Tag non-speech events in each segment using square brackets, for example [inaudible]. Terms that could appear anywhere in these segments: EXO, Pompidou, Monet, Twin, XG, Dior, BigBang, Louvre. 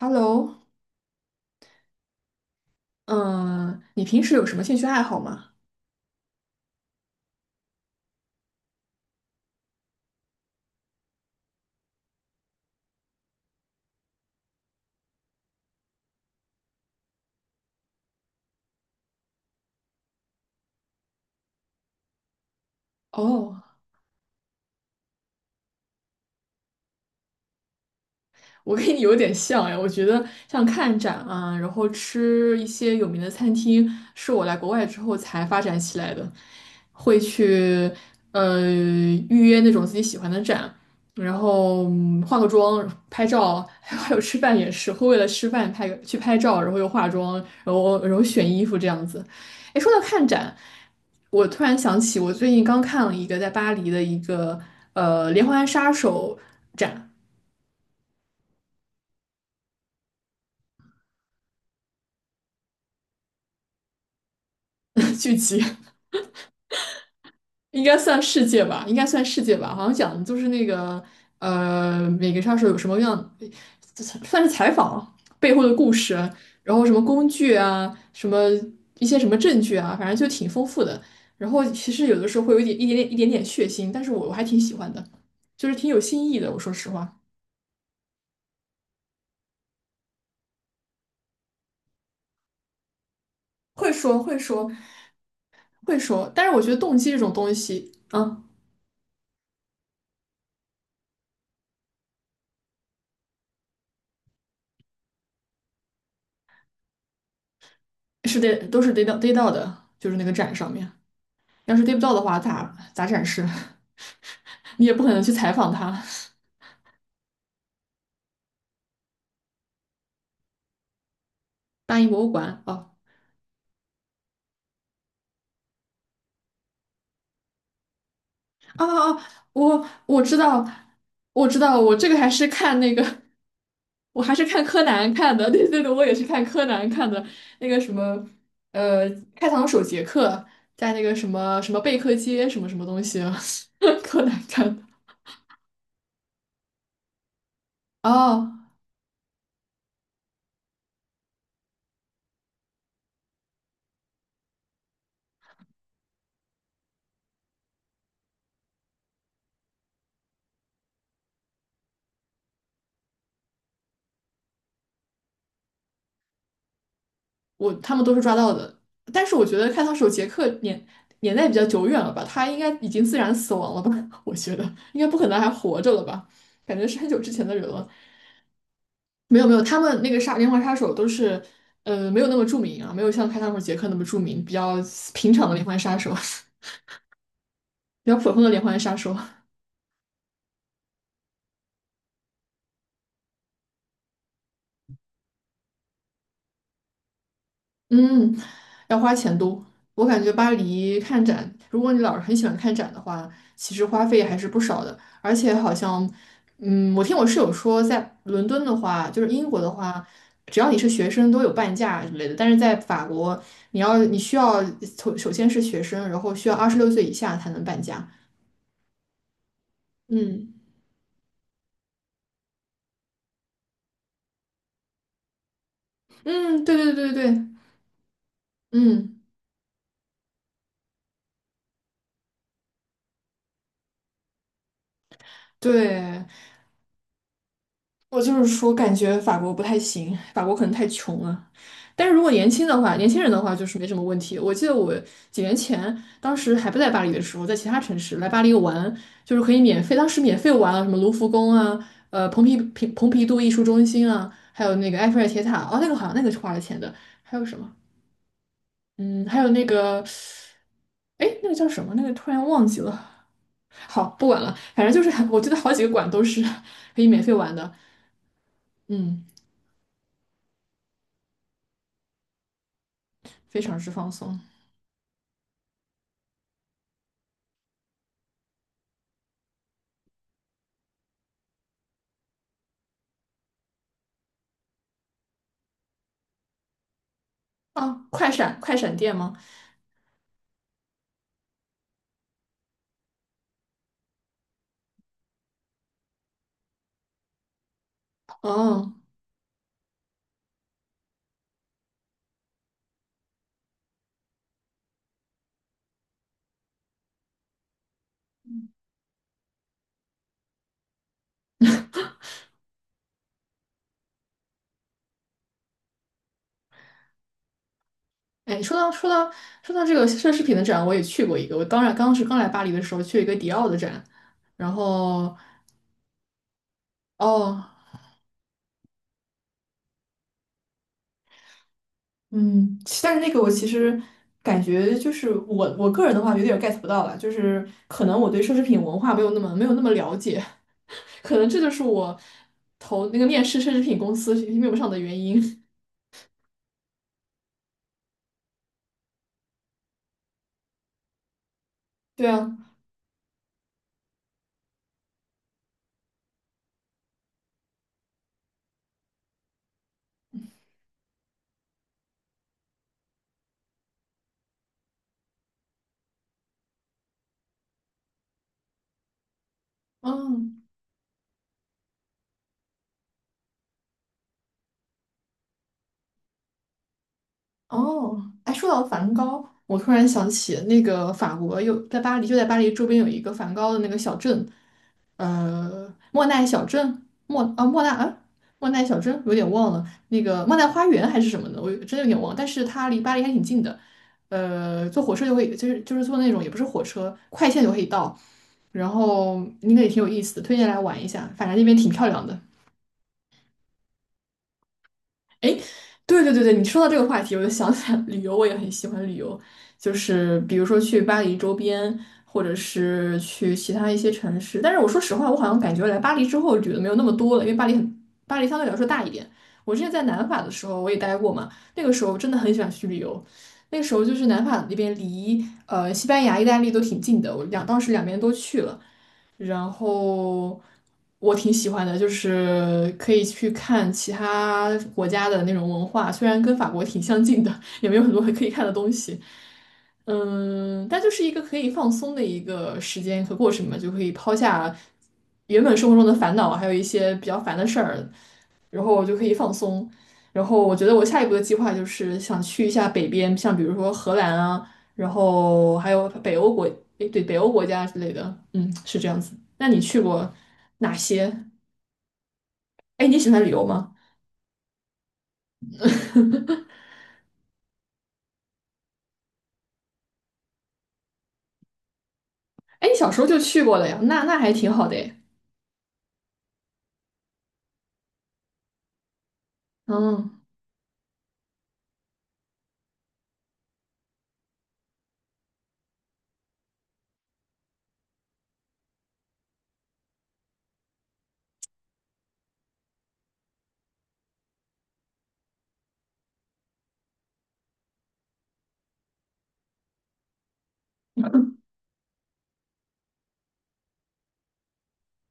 Hello，嗯、你平时有什么兴趣爱好吗？哦，我跟你有点像哎，我觉得像看展啊，然后吃一些有名的餐厅，是我来国外之后才发展起来的。会去呃预约那种自己喜欢的展，然后化个妆、拍照，[laughs] 还有吃饭也是会为了吃饭拍个去拍照，然后又化妆，然后选衣服这样子。哎，说到看展，我突然想起我最近刚看了一个在巴黎的一个连环杀手展 [laughs] 剧集。应该算世界吧，应该算世界吧。好像讲的就是那个每个杀手有什么样，算是采访背后的故事，然后什么工具啊，什么一些什么证据啊，反正就挺丰富的。然后其实有的时候会有一点点血腥，但是我还挺喜欢的，就是挺有新意的。我说实话，会说会说会说，但是我觉得动机这种东西，啊，是得都是得到的，就是那个展上面。要是对不到的话，咋展示？[laughs] 你也不可能去采访他。大英博物馆，哦，哦哦，哦，我知道，我知道，我这个还是看那个，我还是看柯南看的，对对对，我也是看柯南看的，那个什么，呃，开膛手杰克在那个什么什么贝克街什么什么东西啊，[laughs] 柯南看的，哦。我他们都是抓到的。但是我觉得开膛手杰克年代比较久远了吧，他应该已经自然死亡了吧？[laughs] 我觉得应该不可能还活着了吧？感觉是很久之前的人了。没有没有，他们那个杀连环杀手都是，没有那么著名啊，没有像开膛手杰克那么著名，比较平常的连环杀手，[laughs] 比较普通的连环杀手。嗯，要花钱多。我感觉巴黎看展，如果你老是很喜欢看展的话，其实花费还是不少的。而且好像，嗯，我听我室友说，在伦敦的话，就是英国的话，只要你是学生都有半价之类的。但是在法国，你要你需要首先是学生，然后需要26岁以下才能半价。嗯嗯，对对对对对，嗯，对。我就是说，感觉法国不太行，法国可能太穷了。但是如果年轻的话，年轻人的话就是没什么问题。我记得我几年前，当时还不在巴黎的时候，在其他城市来巴黎玩，就是可以免费，当时免费玩了什么卢浮宫啊，呃，蓬皮杜艺术中心啊，还有那个埃菲尔铁塔，哦，那个好像那个是花了钱的，还有什么？嗯，还有那个，哎，那个叫什么？那个突然忘记了。好，不管了，反正就是我记得好几个馆都是 [laughs] 可以免费玩的。嗯。非常之放松。啊！快闪快闪店吗？哦，哎，说到说到说到这个奢侈品的展，我也去过一个。我当然当时刚来巴黎的时候去了一个迪奥的展，然后哦，嗯，其但是那个我其实感觉就是我个人的话有点 get 不到了，就是可能我对奢侈品文化没有那么了解，[laughs] 可能这就是我投那个面试奢侈品公司面不上的原因。[laughs] 对啊，嗯。哦，哎，说到梵高，我突然想起那个法国有在巴黎，就在巴黎周边有一个梵高的那个小镇，莫奈小镇，莫啊莫奈啊莫奈小镇，有点忘了，那个莫奈花园还是什么的，我有真的有点忘，但是它离巴黎还挺近的，呃，坐火车就会，就是坐那种也不是火车，快线就可以到，然后应该也挺有意思的，推荐来玩一下，反正那边挺漂亮的。对对对对，你说到这个话题，我就想起来旅游，我也很喜欢旅游，就是比如说去巴黎周边，或者是去其他一些城市。但是我说实话，我好像感觉来巴黎之后旅的没有那么多了，因为巴黎很，巴黎相对来说大一点。我之前在南法的时候我也待过嘛，那个时候真的很喜欢去旅游。那个时候就是南法那边离西班牙、意大利都挺近的，我两当时两边都去了。然后我挺喜欢的，就是可以去看其他国家的那种文化，虽然跟法国挺相近的，也没有很多可以看的东西。嗯，但就是一个可以放松的一个时间和过程嘛，就可以抛下原本生活中的烦恼，还有一些比较烦的事儿，然后我就可以放松。然后我觉得我下一步的计划就是想去一下北边，像比如说荷兰啊。然后还有北欧国，诶，对，北欧国家之类的，嗯，是这样子。那你去过哪些？哎，你喜欢旅游吗？[laughs] 哎，你小时候就去过了呀，那那还挺好的诶。嗯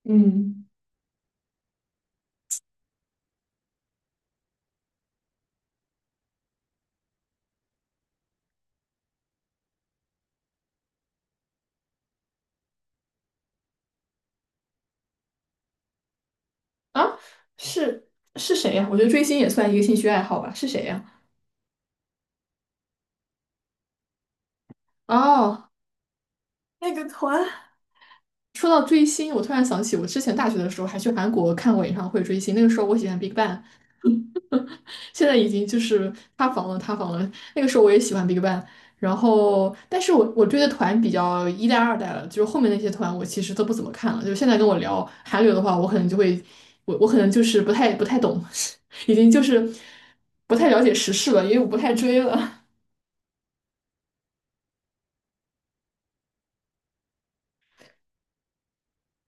嗯，啊，是，是谁呀？我觉得追星也算一个兴趣爱好吧。是谁呀？哦，那个团。说到追星，我突然想起我之前大学的时候还去韩国看过演唱会追星，那个时候我喜欢 BigBang,现在已经就是塌房了，塌房了。那个时候我也喜欢 BigBang,然后但是我追的团比较一代、二代了，就是后面那些团我其实都不怎么看了。就是现在跟我聊韩流的话，我可能就会，我可能就是不太懂，[laughs] 已经就是不太了解时事了，因为我不太追了。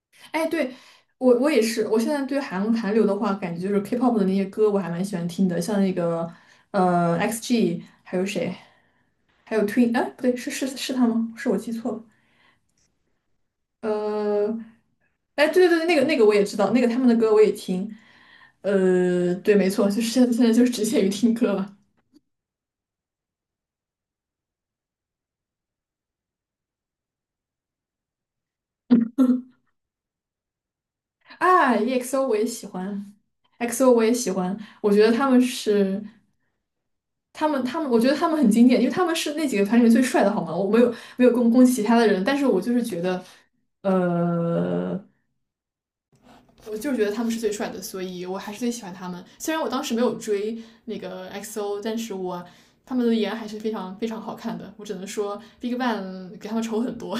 [laughs] 哎，对。我也是，我现在对韩流的话，感觉就是 K-pop 的那些歌我还蛮喜欢听的，像那个XG,还有谁，还有 Twin,哎，不对，是他吗？是我记错了。呃，哎，对对对，那个那个我也知道，那个他们的歌我也听。呃，对，没错，就是现在就是只限于听歌了。啊，EXO 我也喜欢，XO 我也喜欢，我觉得他们是他们，我觉得他们很经典，因为他们是那几个团里面最帅的，好吗？我没有攻击其他的人，但是我就是觉得，呃，我就是觉得他们是最帅的，所以我还是最喜欢他们。虽然我当时没有追那个 XO,但是我他们的颜还是非常非常好看的。我只能说 BigBang 给他们丑很多，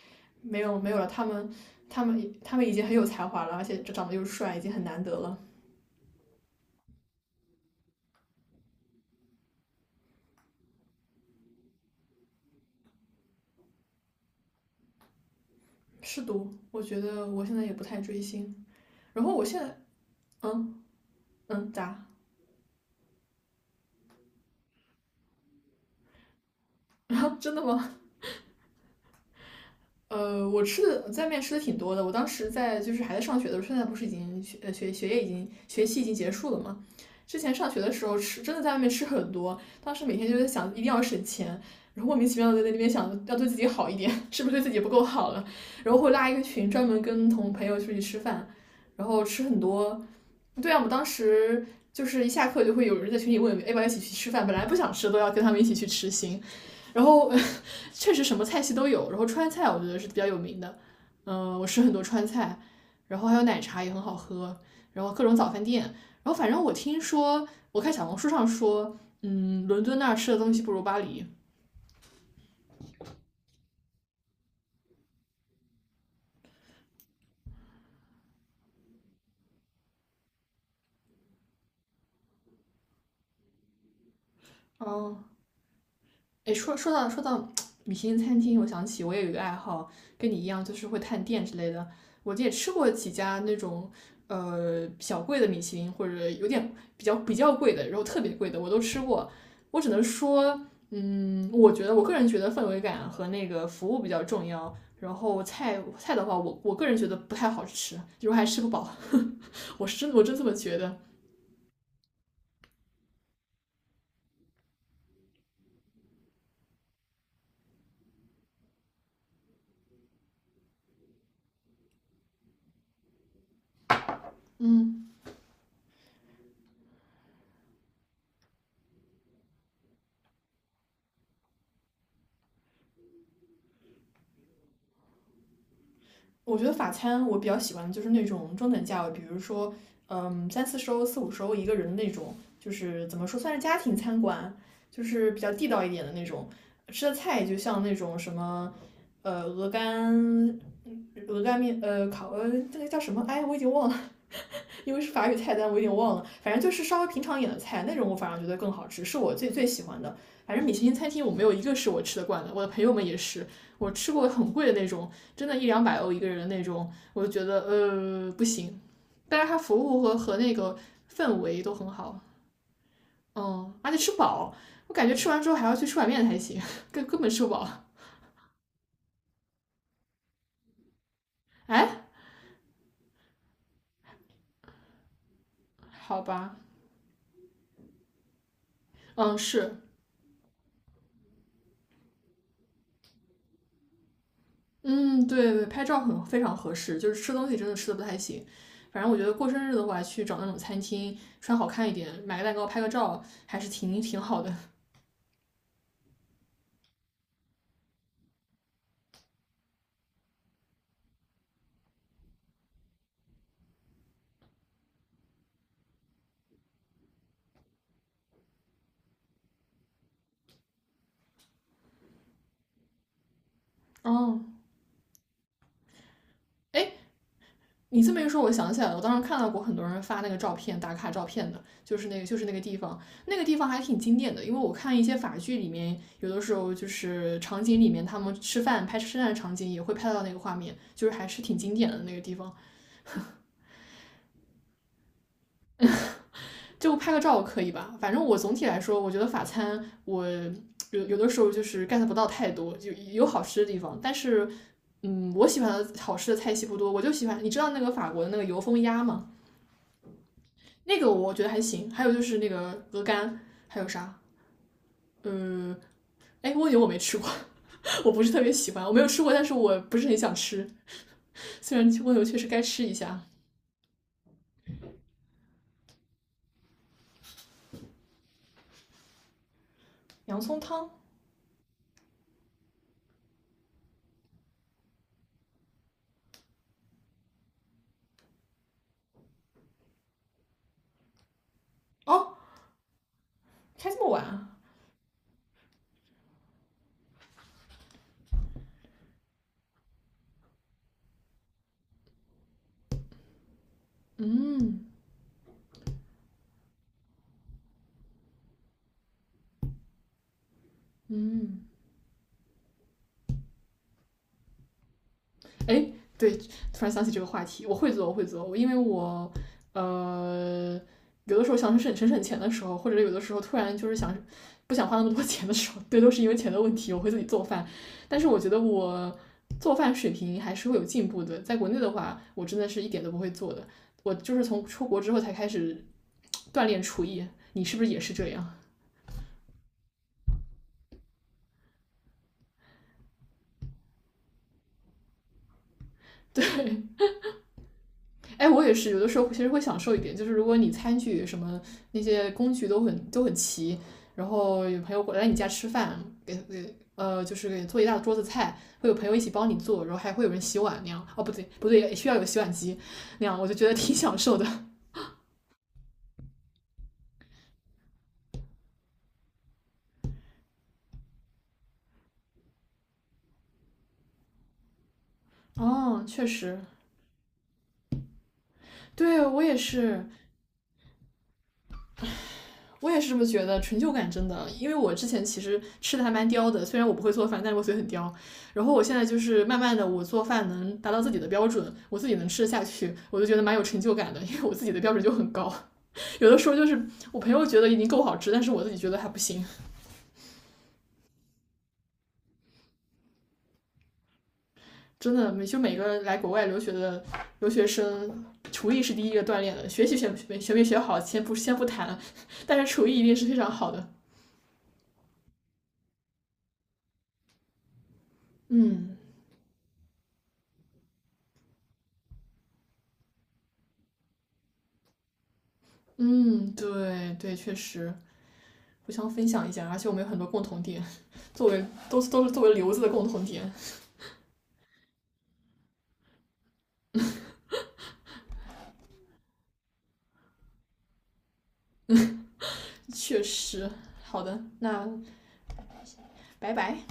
[laughs] 没有没有了，他们已经很有才华了，而且长得又帅，已经很难得了。是的，我觉得我现在也不太追星。然后我现在，嗯嗯，咋？[laughs] 然后真的吗？我吃的在外面吃的挺多的。我当时在就是还在上学的时候，现在不是已经学期已经结束了嘛？之前上学的时候真的在外面吃很多，当时每天就在想一定要省钱，然后莫名其妙的在那边想要对自己好一点，[laughs] 是不是对自己不够好了？然后会拉一个群专门跟同朋友出去吃饭，然后吃很多。对啊，我们当时就是一下课就会有人在群里问，要不要一起去吃饭？本来不想吃，都要跟他们一起去吃行。然后 [laughs] 确实什么菜系都有，然后川菜我觉得是比较有名的，我吃很多川菜，然后还有奶茶也很好喝，然后各种早饭店，然后反正我听说，我看小红书上说，嗯，伦敦那儿吃的东西不如巴黎。哦，哎，说到米其林餐厅，我想起我也有一个爱好，跟你一样，就是会探店之类的。我也吃过几家那种小贵的米其林，或者有点比较贵的，然后特别贵的，我都吃过。我只能说，我觉得我个人觉得氛围感和那个服务比较重要。然后菜的话，我个人觉得不太好吃，就是还吃不饱。[laughs] 我真这么觉得。我觉得法餐我比较喜欢的就是那种中等价位，比如说30-40欧、40-50欧一个人的那种，就是怎么说算是家庭餐馆，就是比较地道一点的那种。吃的菜就像那种什么鹅肝、鹅肝面、呃烤呃这个叫什么？哎，我已经忘了。因为是法语菜单，我有点忘了，反正就是稍微平常一点的菜，那种我反而觉得更好吃，是我最最喜欢的。反正米其林餐厅我没有一个是我吃得惯的，我的朋友们也是，我吃过很贵的那种，真的100-200欧一个人的那种，我就觉得不行。但是它服务和那个氛围都很好，嗯，而且吃饱，我感觉吃完之后还要去吃碗面才行，[laughs] 根本吃不饱。哎，好吧，嗯，是嗯，对对，拍照很非常合适，就是吃东西真的吃的不太行。反正我觉得过生日的话，去找那种餐厅，穿好看一点，买个蛋糕，拍个照，还是挺挺好的。哦，[laughs] 哎，你这么一说，我想起来了，我当时看到过很多人发那个照片，打卡照片的，就是那个就是那个地方，那个地方还挺经典的，因为我看一些法剧里面，有的时候就是场景里面他们吃饭拍吃饭的场景也会拍到那个画面，就是还是挺经典的那个地方。就拍个照可以吧？反正我总体来说，我觉得法餐我有有的时候就是 get 不到太多，就有好吃的地方，但是嗯，我喜欢的好吃的菜系不多，我就喜欢你知道那个法国的那个油封鸭吗？那个我觉得还行，还有就是那个鹅肝，还有啥？嗯，呃哎，蜗牛我没吃过，[laughs] 我不是特别喜欢，我没有吃过，但是我不是很想吃。虽然蜗牛确实该吃一下。洋葱汤哦，开这么晚啊？嗯，哎，突然想起这个话题，我会做，我会做，我因为我呃有的时候想省钱的时候，或者有的时候突然就是不想花那么多钱的时候，对，都是因为钱的问题，我会自己做饭。但是我觉得我做饭水平还是会有进步的，在国内的话，我真的是一点都不会做的。我就是从出国之后才开始锻炼厨艺，你是不是也是这样？[laughs] 对，哎，我也是，有的时候其实会享受一点，就是如果你餐具什么那些工具都很都很齐，然后有朋友来你家吃饭，给给呃就是给做一大桌子菜，会有朋友一起帮你做，然后还会有人洗碗那样。哦，不对不对，需要有洗碗机那样，我就觉得挺享受的。[laughs] 哦，确实，对我也是。我也是这么觉得，成就感真的，因为我之前其实吃的还蛮刁的，虽然我不会做饭，但是我嘴很刁。然后我现在就是慢慢的，我做饭能达到自己的标准，我自己能吃得下去，我就觉得蛮有成就感的，因为我自己的标准就很高。有的时候就是我朋友觉得已经够好吃，但是我自己觉得还不行。真的，每个来国外留学的留学生，厨艺是第一个锻炼的，学习学没学没学好，先不谈，[laughs] 但是厨艺一定是非常好的。嗯，对对，确实。互相分享一下，而且我们有很多共同点，[laughs] 作为都是作为留子的共同点，确实。好的，那拜拜。